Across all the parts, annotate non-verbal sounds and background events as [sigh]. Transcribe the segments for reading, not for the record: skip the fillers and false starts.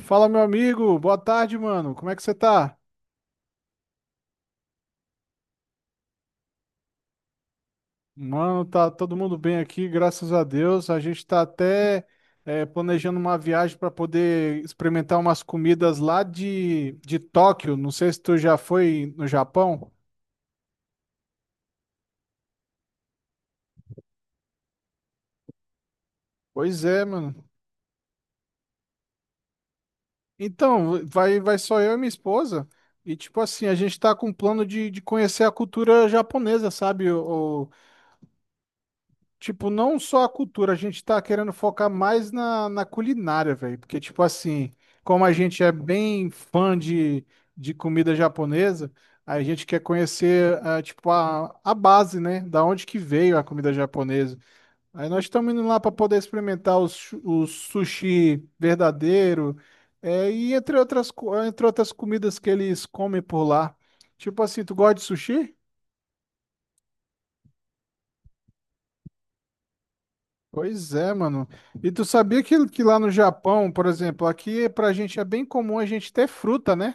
Fala, meu amigo. Boa tarde, mano. Como é que você tá? Mano, tá todo mundo bem aqui, graças a Deus. A gente tá até planejando uma viagem para poder experimentar umas comidas lá de Tóquio. Não sei se tu já foi no Japão. Pois é, mano. Então, vai só eu e minha esposa. E, tipo assim, a gente tá com um plano de conhecer a cultura japonesa, sabe? O, tipo, não só a cultura, a gente tá querendo focar mais na culinária, velho. Porque, tipo assim, como a gente é bem fã de comida japonesa, a gente quer conhecer, ah, tipo, a base, né? Da onde que veio a comida japonesa. Aí nós estamos indo lá para poder experimentar o sushi verdadeiro, é, e entre outras, entre outras comidas que eles comem por lá. Tipo assim, tu gosta de sushi? Pois é, mano. E tu sabia que lá no Japão, por exemplo, aqui pra gente é bem comum a gente ter fruta, né?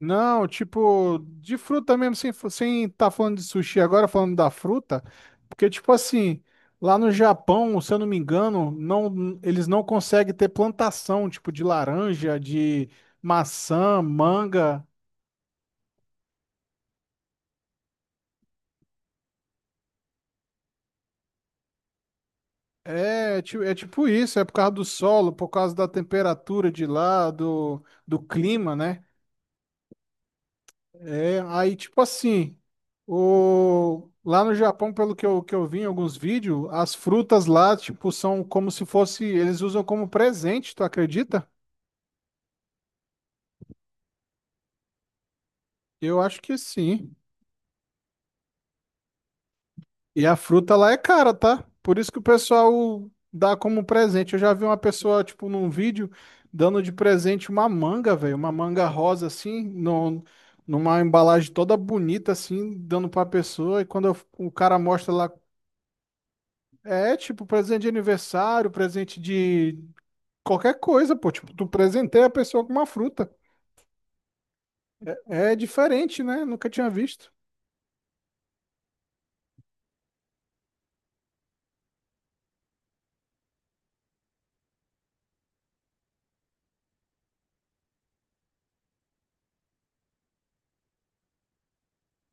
Não, tipo, de fruta mesmo, sem tá falando de sushi agora, falando da fruta, porque, tipo assim, lá no Japão, se eu não me engano, não, eles não conseguem ter plantação, tipo, de laranja, de maçã, manga. É, é tipo isso, é por causa do solo, por causa da temperatura de lá, do, do clima, né? É, aí, tipo assim, o... lá no Japão, pelo que eu vi em alguns vídeos, as frutas lá, tipo, são como se fosse, eles usam como presente, tu acredita? Eu acho que sim. E a fruta lá é cara, tá? Por isso que o pessoal dá como presente. Eu já vi uma pessoa, tipo, num vídeo, dando de presente uma manga, velho, uma manga rosa, assim, no... numa embalagem toda bonita, assim, dando pra pessoa, o cara mostra lá. É, tipo, presente de aniversário, presente de qualquer coisa, pô. Tipo, tu presenteia a pessoa com uma fruta. É diferente, né? Nunca tinha visto.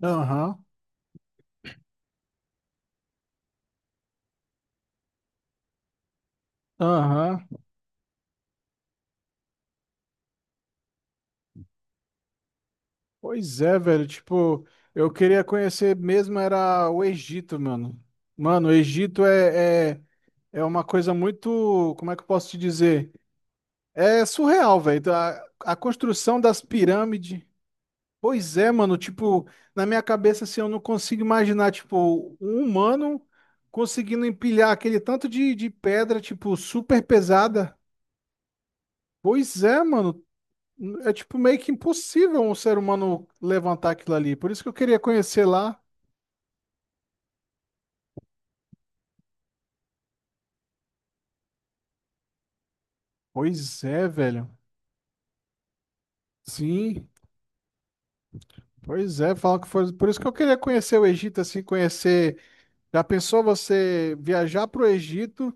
Aham, aham. Pois é, velho. Tipo, eu queria conhecer mesmo era o Egito, mano. Mano, o é uma coisa muito. Como é que eu posso te dizer? É surreal, velho. A construção das pirâmides. Pois é, mano, tipo, na minha cabeça assim, eu não consigo imaginar, tipo, um humano conseguindo empilhar aquele tanto de pedra, tipo, super pesada. Pois é, mano, é tipo meio que impossível um ser humano levantar aquilo ali. Por isso que eu queria conhecer lá. Pois é, velho. Sim, pois é, fala que foi. Por isso que eu queria conhecer o Egito, assim, conhecer. Já pensou você viajar pro Egito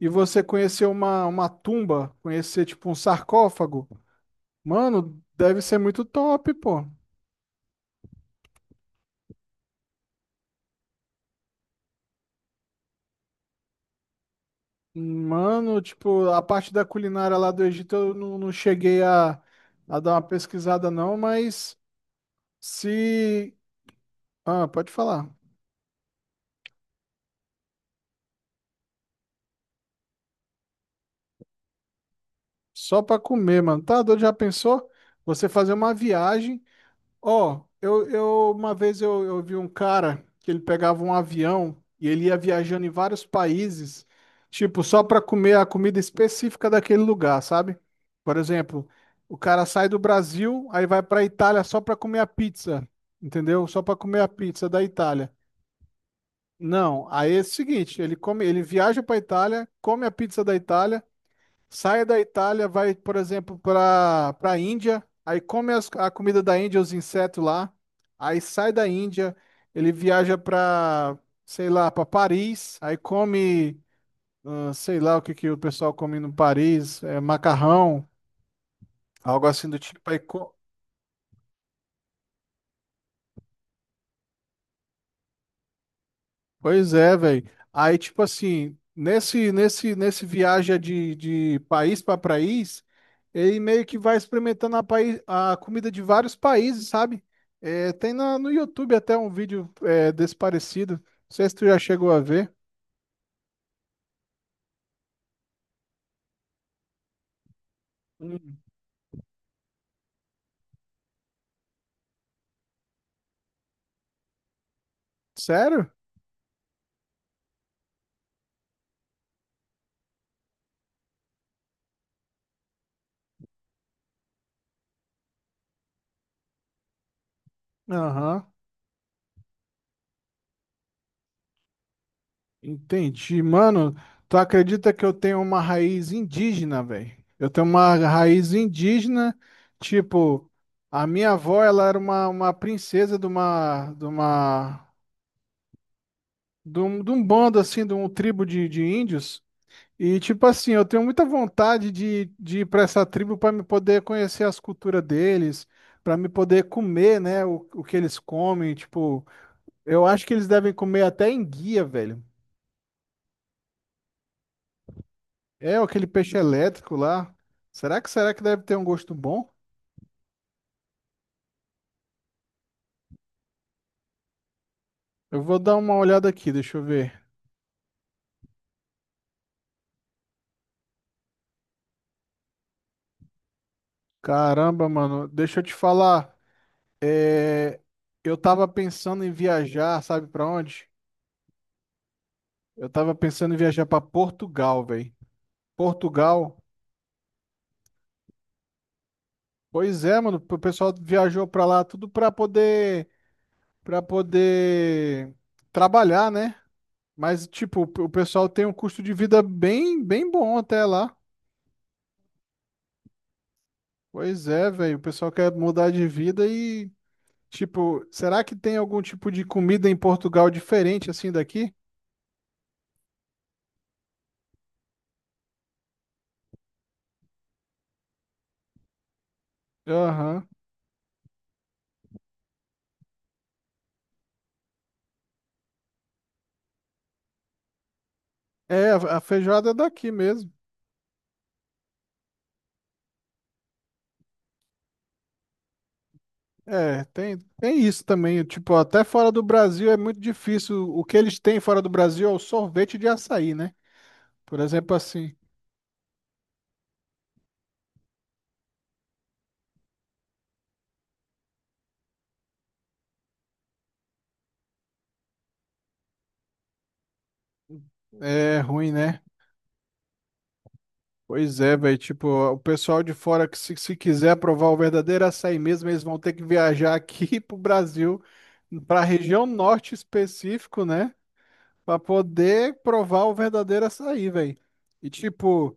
e você conhecer uma tumba, conhecer, tipo, um sarcófago? Mano, deve ser muito top, pô. Mano, tipo, a parte da culinária lá do Egito eu não cheguei a dar uma pesquisada, não, mas se. Ah, pode falar. Só pra comer, mano. Tá doido? Já pensou? Você fazer uma viagem. Ó, eu uma vez eu vi um cara que ele pegava um avião e ele ia viajando em vários países, tipo, só para comer a comida específica daquele lugar, sabe? Por exemplo, o cara sai do Brasil, aí vai para Itália só para comer a pizza, entendeu? Só para comer a pizza da Itália. Não, aí é o seguinte, ele come, ele viaja para Itália, come a pizza da Itália. Sai da Itália, vai, por exemplo, para a Índia, aí come a comida da Índia, os insetos lá, aí sai da Índia, ele viaja para, sei lá, para Paris, aí come, ah, sei lá o que que o pessoal come no Paris, é, macarrão, algo assim do tipo, pois é, velho. Aí, tipo assim, nesse viagem de país para país, ele meio que vai experimentando a comida de vários países, sabe? É, tem no YouTube até um vídeo é, desse parecido. Não sei se tu já chegou a ver. Hum. Sério? Aham. Entendi. Mano, tu acredita que eu tenho uma raiz indígena, velho? Eu tenho uma raiz indígena, tipo, a minha avó, ela era uma princesa de de um bando, assim, de um tribo de índios. E, tipo assim, eu tenho muita vontade de ir pra essa tribo pra me poder conhecer as culturas deles, pra me poder comer, né, o que eles comem, tipo, eu acho que eles devem comer até enguia, velho. É aquele peixe elétrico lá. Será que deve ter um gosto bom? Eu vou dar uma olhada aqui, deixa eu ver. Caramba, mano, deixa eu te falar. Eu tava pensando em viajar, sabe pra onde? Eu tava pensando em viajar pra Portugal, velho. Portugal. Pois é, mano, o pessoal viajou pra lá tudo pra poder para poder trabalhar, né? Mas tipo, o pessoal tem um custo de vida bem bom até lá. Pois é, velho, o pessoal quer mudar de vida e tipo, será que tem algum tipo de comida em Portugal diferente assim daqui? Aham. É, a feijoada é daqui mesmo. É, tem isso também. Tipo, até fora do Brasil é muito difícil. O que eles têm fora do Brasil é o sorvete de açaí, né? Por exemplo, assim. É ruim, né? Pois é, velho. Tipo, o pessoal de fora que se quiser provar o verdadeiro açaí mesmo, eles vão ter que viajar aqui [laughs] pro Brasil, pra região norte específico, né? Pra poder provar o verdadeiro açaí, velho. E tipo.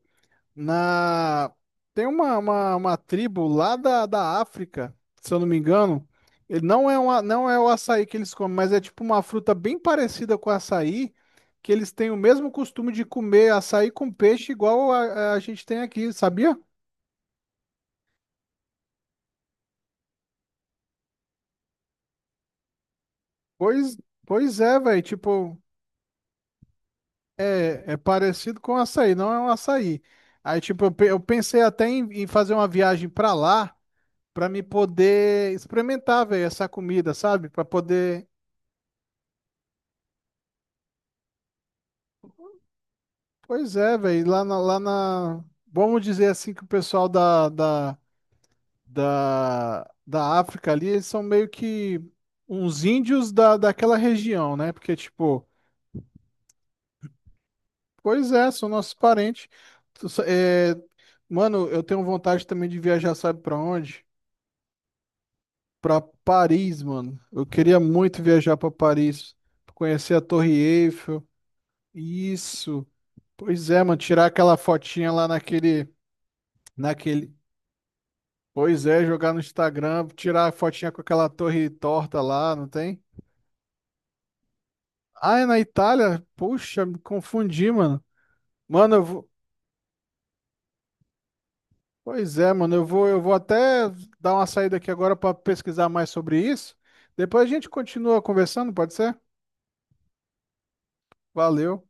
Na... Tem uma tribo lá da África, se eu não me engano. Ele não é, uma, não é o açaí que eles comem, mas é tipo uma fruta bem parecida com açaí, que eles têm o mesmo costume de comer açaí com peixe, igual a gente tem aqui, sabia? Pois, pois é, velho. Tipo, é, é parecido com açaí, não é um açaí. Aí, tipo, eu pensei até em, em fazer uma viagem pra lá, pra me poder experimentar, velho, essa comida, sabe? Pra poder pois é, velho. Lá na, lá na. Vamos dizer assim que o pessoal da África ali, eles são meio que uns índios daquela região, né? Porque, tipo, pois é, são nossos parentes. Tu sa- é, Mano, eu tenho vontade também de viajar, sabe pra onde? Pra Paris, mano. Eu queria muito viajar pra Paris, conhecer a Torre Eiffel. Isso. Pois é, mano, tirar aquela fotinha lá naquele, naquele pois é, jogar no Instagram, tirar a fotinha com aquela torre torta lá, não tem? Ah, é na Itália? Puxa, me confundi, mano. Mano, eu vou... Pois é, mano, eu vou até dar uma saída aqui agora para pesquisar mais sobre isso. Depois a gente continua conversando, pode ser? Valeu.